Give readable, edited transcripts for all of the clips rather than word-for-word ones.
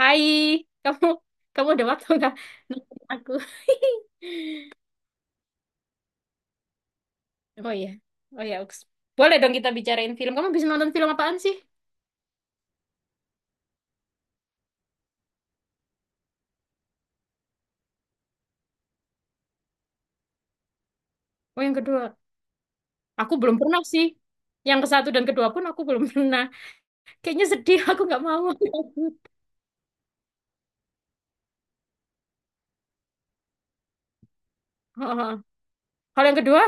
Hai, kamu kamu ada waktu nggak nonton aku? Oh iya, oh iya, Ux. Boleh dong kita bicarain film. Kamu bisa nonton film apaan sih? Oh yang kedua, aku belum pernah sih. Yang ke satu dan kedua pun aku belum pernah. Kayaknya sedih, aku nggak mau. Heeh. Kalau yang kedua,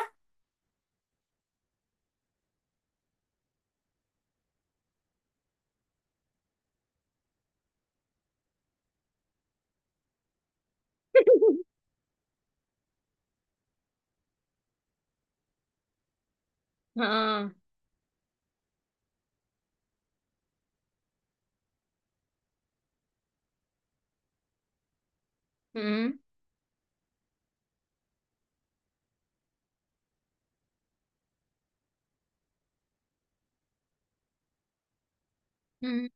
Heeh. Mm-mm. Mm.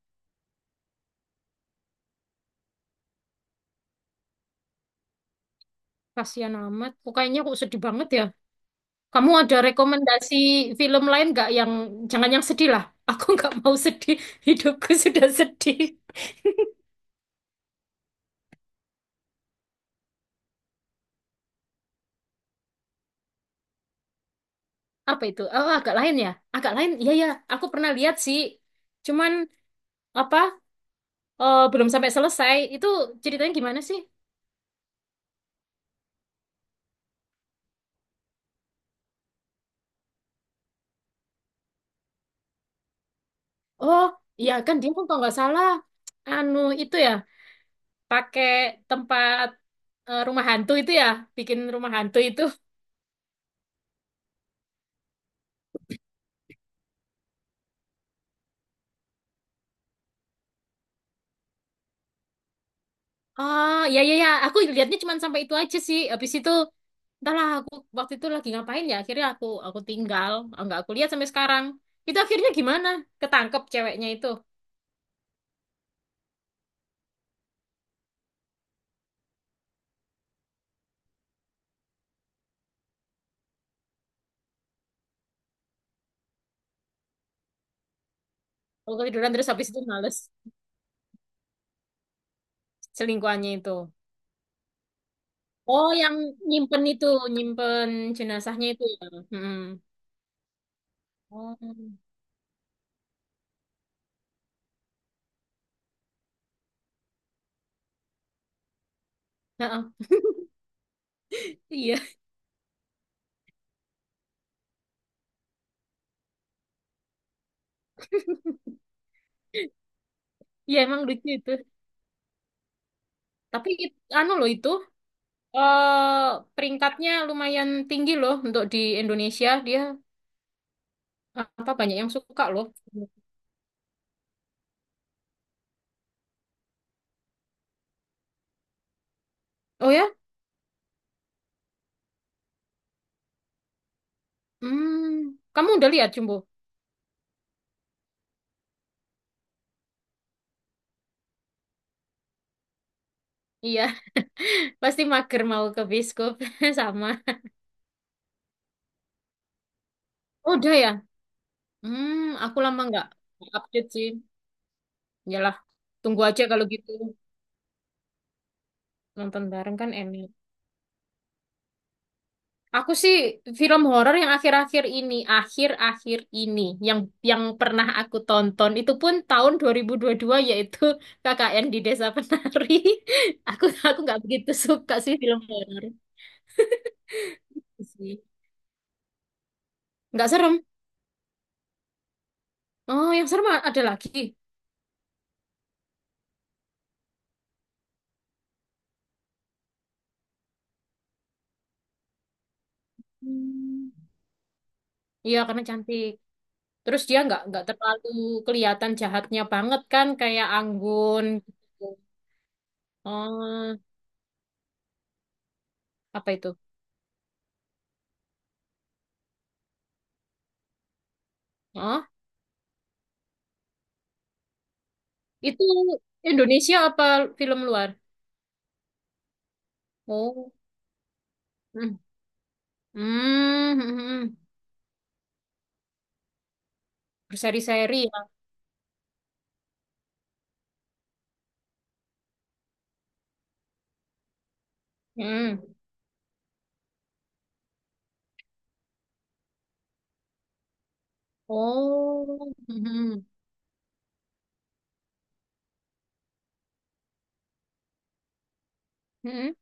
Kasihan amat. Kok kayaknya kok sedih banget ya. Kamu ada rekomendasi film lain nggak yang jangan yang sedih lah. Aku nggak mau sedih. Hidupku sudah sedih. Apa itu? Oh, agak lain ya? Agak lain. Iya ya, aku pernah lihat sih. Cuman apa? Belum sampai selesai. Itu ceritanya gimana sih? Oh, iya kan dia kan kalau nggak salah anu itu ya, pakai tempat, rumah hantu itu ya, bikin rumah hantu itu. Oh, iya iya ya, aku lihatnya cuman sampai itu aja sih. Habis itu entahlah aku waktu itu lagi ngapain ya, akhirnya aku tinggal, nggak aku lihat sampai sekarang. Itu akhirnya gimana? Ketangkep ceweknya itu. Aku ketiduran terus habis itu males. Selingkuhannya itu. Oh, yang nyimpen itu, nyimpen jenazahnya itu ya. Mm-mm. Oh. Heeh. Iya, iya emang lucu itu. Tapi anu loh itu, eh peringkatnya lumayan tinggi loh untuk di Indonesia. Dia apa banyak yang suka loh. Oh ya? Hmm, kamu udah lihat Jumbo? Iya, pasti mager mau ke bioskop sama. Oh, udah ya? Hmm, aku lama nggak update sih. Yalah, tunggu aja kalau gitu. Nonton bareng kan enak. Aku sih film horor yang akhir-akhir ini yang yang pernah aku tonton itu pun tahun dua 2022 yaitu KKN di Desa Penari. Aku nggak begitu suka sih film horor itu sih. Nggak serem. Oh, yang serem ada lagi. Hmm. Iya, karena cantik. Terus dia nggak terlalu kelihatan jahatnya banget kan kayak Anggun gitu. Oh, apa itu? Oh, itu Indonesia apa film luar? Oh. Hmm, hmm, hmm. Berseri-seri ya. Hmm. Oh. Hmm, hmm,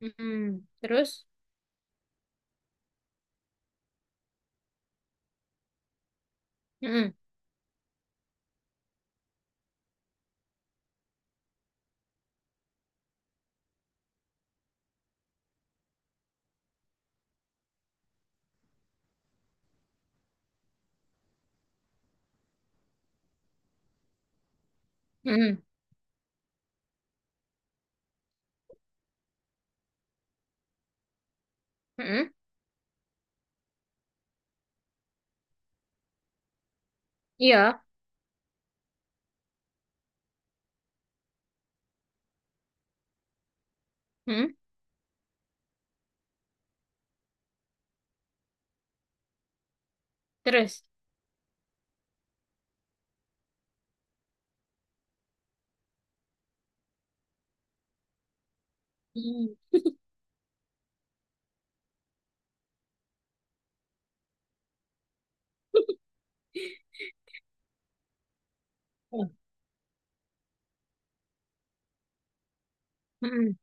hmm, hmm. Terus? Hmm, hmm, hmm. Iya. Hmm. Terus? Hmm. Oh, hmm.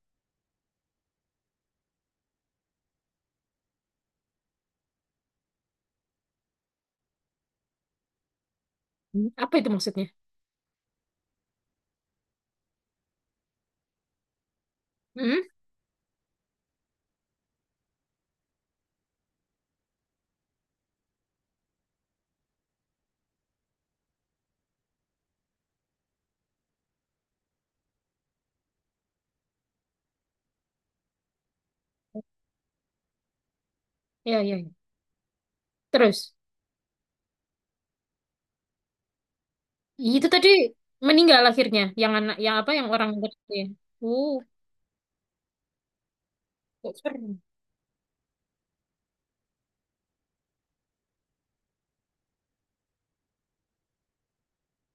Hmm. Apa itu maksudnya? Hmm. Ya, ya, ya. Terus? Itu tadi meninggal akhirnya. Yang anak, yang apa? Yang orang tadi. Uh, kok serem.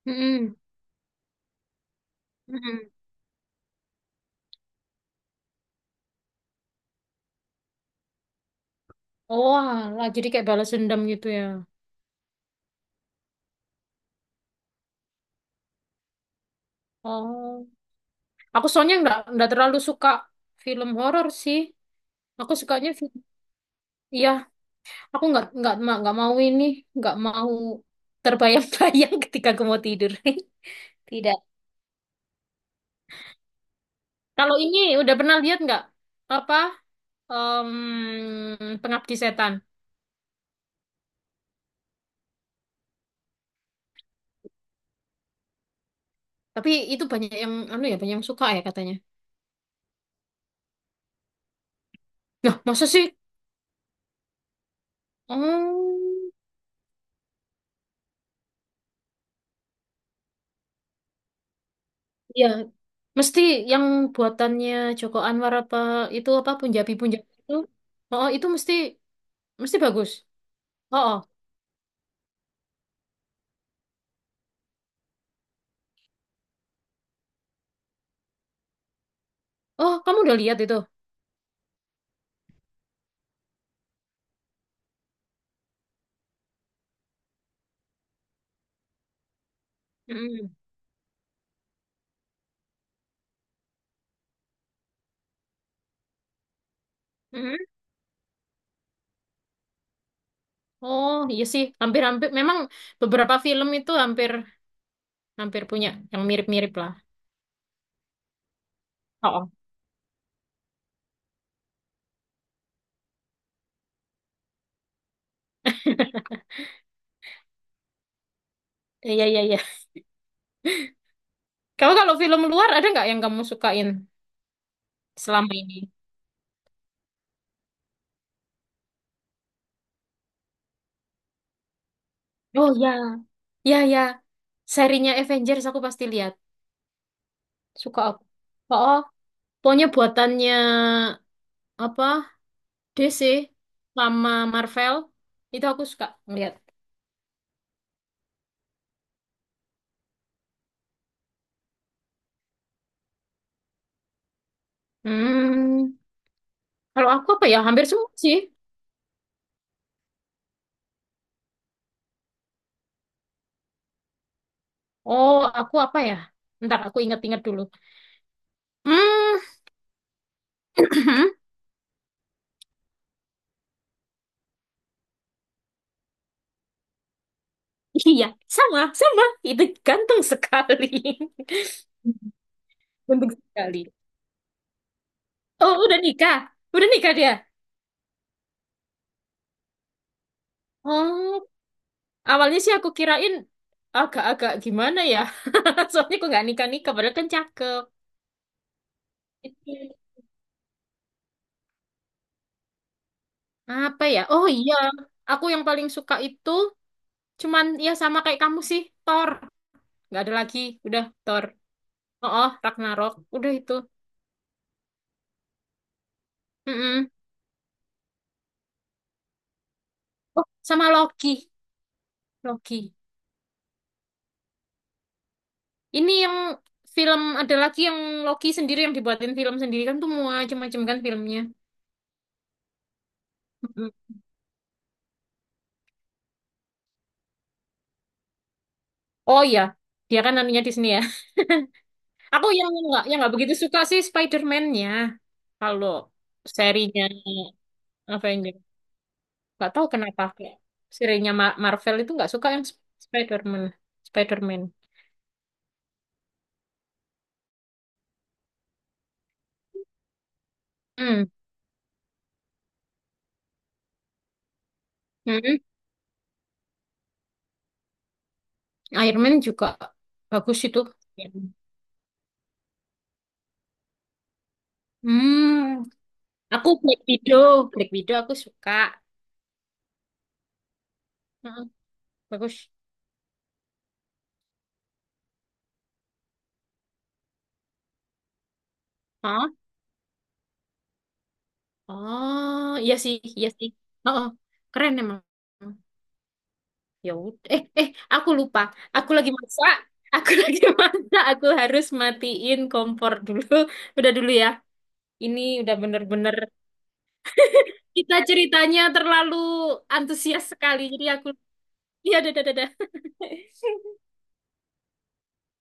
Hmm. Hmm. Oh, alah, jadi kayak balas dendam gitu ya. Oh. Aku soalnya nggak terlalu suka film horor sih. Aku sukanya iya, aku nggak mau ini, nggak mau terbayang-bayang ketika aku mau tidur. Tidak. Kalau ini udah pernah lihat nggak apa Pengabdi Setan? Tapi itu banyak yang anu ya, banyak yang suka ya katanya. Nah, masa sih? Oh, ya mesti yang buatannya Joko Anwar apa itu apa Punjabi-Punjabi itu? Oh, itu mesti mesti bagus. Oh, oh, oh, kamu udah lihat itu? Mm-mm. Mm-mm. Oh iya sih, hampir-hampir memang beberapa film itu hampir hampir punya yang mirip-mirip lah. Oh. Iya iya iya. Kamu kalau film luar ada nggak yang kamu sukain selama ini? Oh ya, ya ya. Serinya Avengers aku pasti lihat. Suka aku. Oh, oh. Pokoknya buatannya apa? DC sama Marvel itu aku suka ngeliat. Hmm, kalau aku apa ya? Hampir semua sih. Oh, aku apa ya? Ntar aku inget-inget dulu. Hmm, iya, sama, sama. Itu ganteng sekali. Ganteng sekali. Oh, udah nikah? Udah nikah dia? Oh, awalnya sih aku kirain agak-agak gimana ya. Soalnya aku nggak nikah-nikah, padahal kan cakep. Itu. Apa ya? Oh iya, aku yang paling suka itu cuman ya sama kayak kamu sih, Thor. Nggak ada lagi, udah Thor. Oh, oh, Ragnarok. Udah itu. Mm-mm. Oh, sama Loki. Loki. Ini yang film ada lagi yang Loki sendiri yang dibuatin film sendiri kan tuh macam-macam kan filmnya. Mm-mm. Oh iya, dia kan anunya di sini ya. Aku yang nggak begitu suka sih Spider-Man-nya. Kalau serinya Avenger, nggak tahu kenapa kayak serinya Marvel itu nggak suka yang Spider-Man. Spider-Man. Hmm. Mm-mm. Iron Man juga bagus itu. Hmm. Aku Black Widow, Black Widow aku suka. Mm-mm. Bagus. Oh, iya sih, iya sih. Oh, oh. Keren emang. Ya udah. Eh, eh, aku lupa. Aku lagi masak. Aku lagi masak. Aku harus matiin kompor dulu. Udah dulu ya. Ini udah bener-bener kita ceritanya terlalu antusias sekali. Jadi aku, iya, dadah, dadah.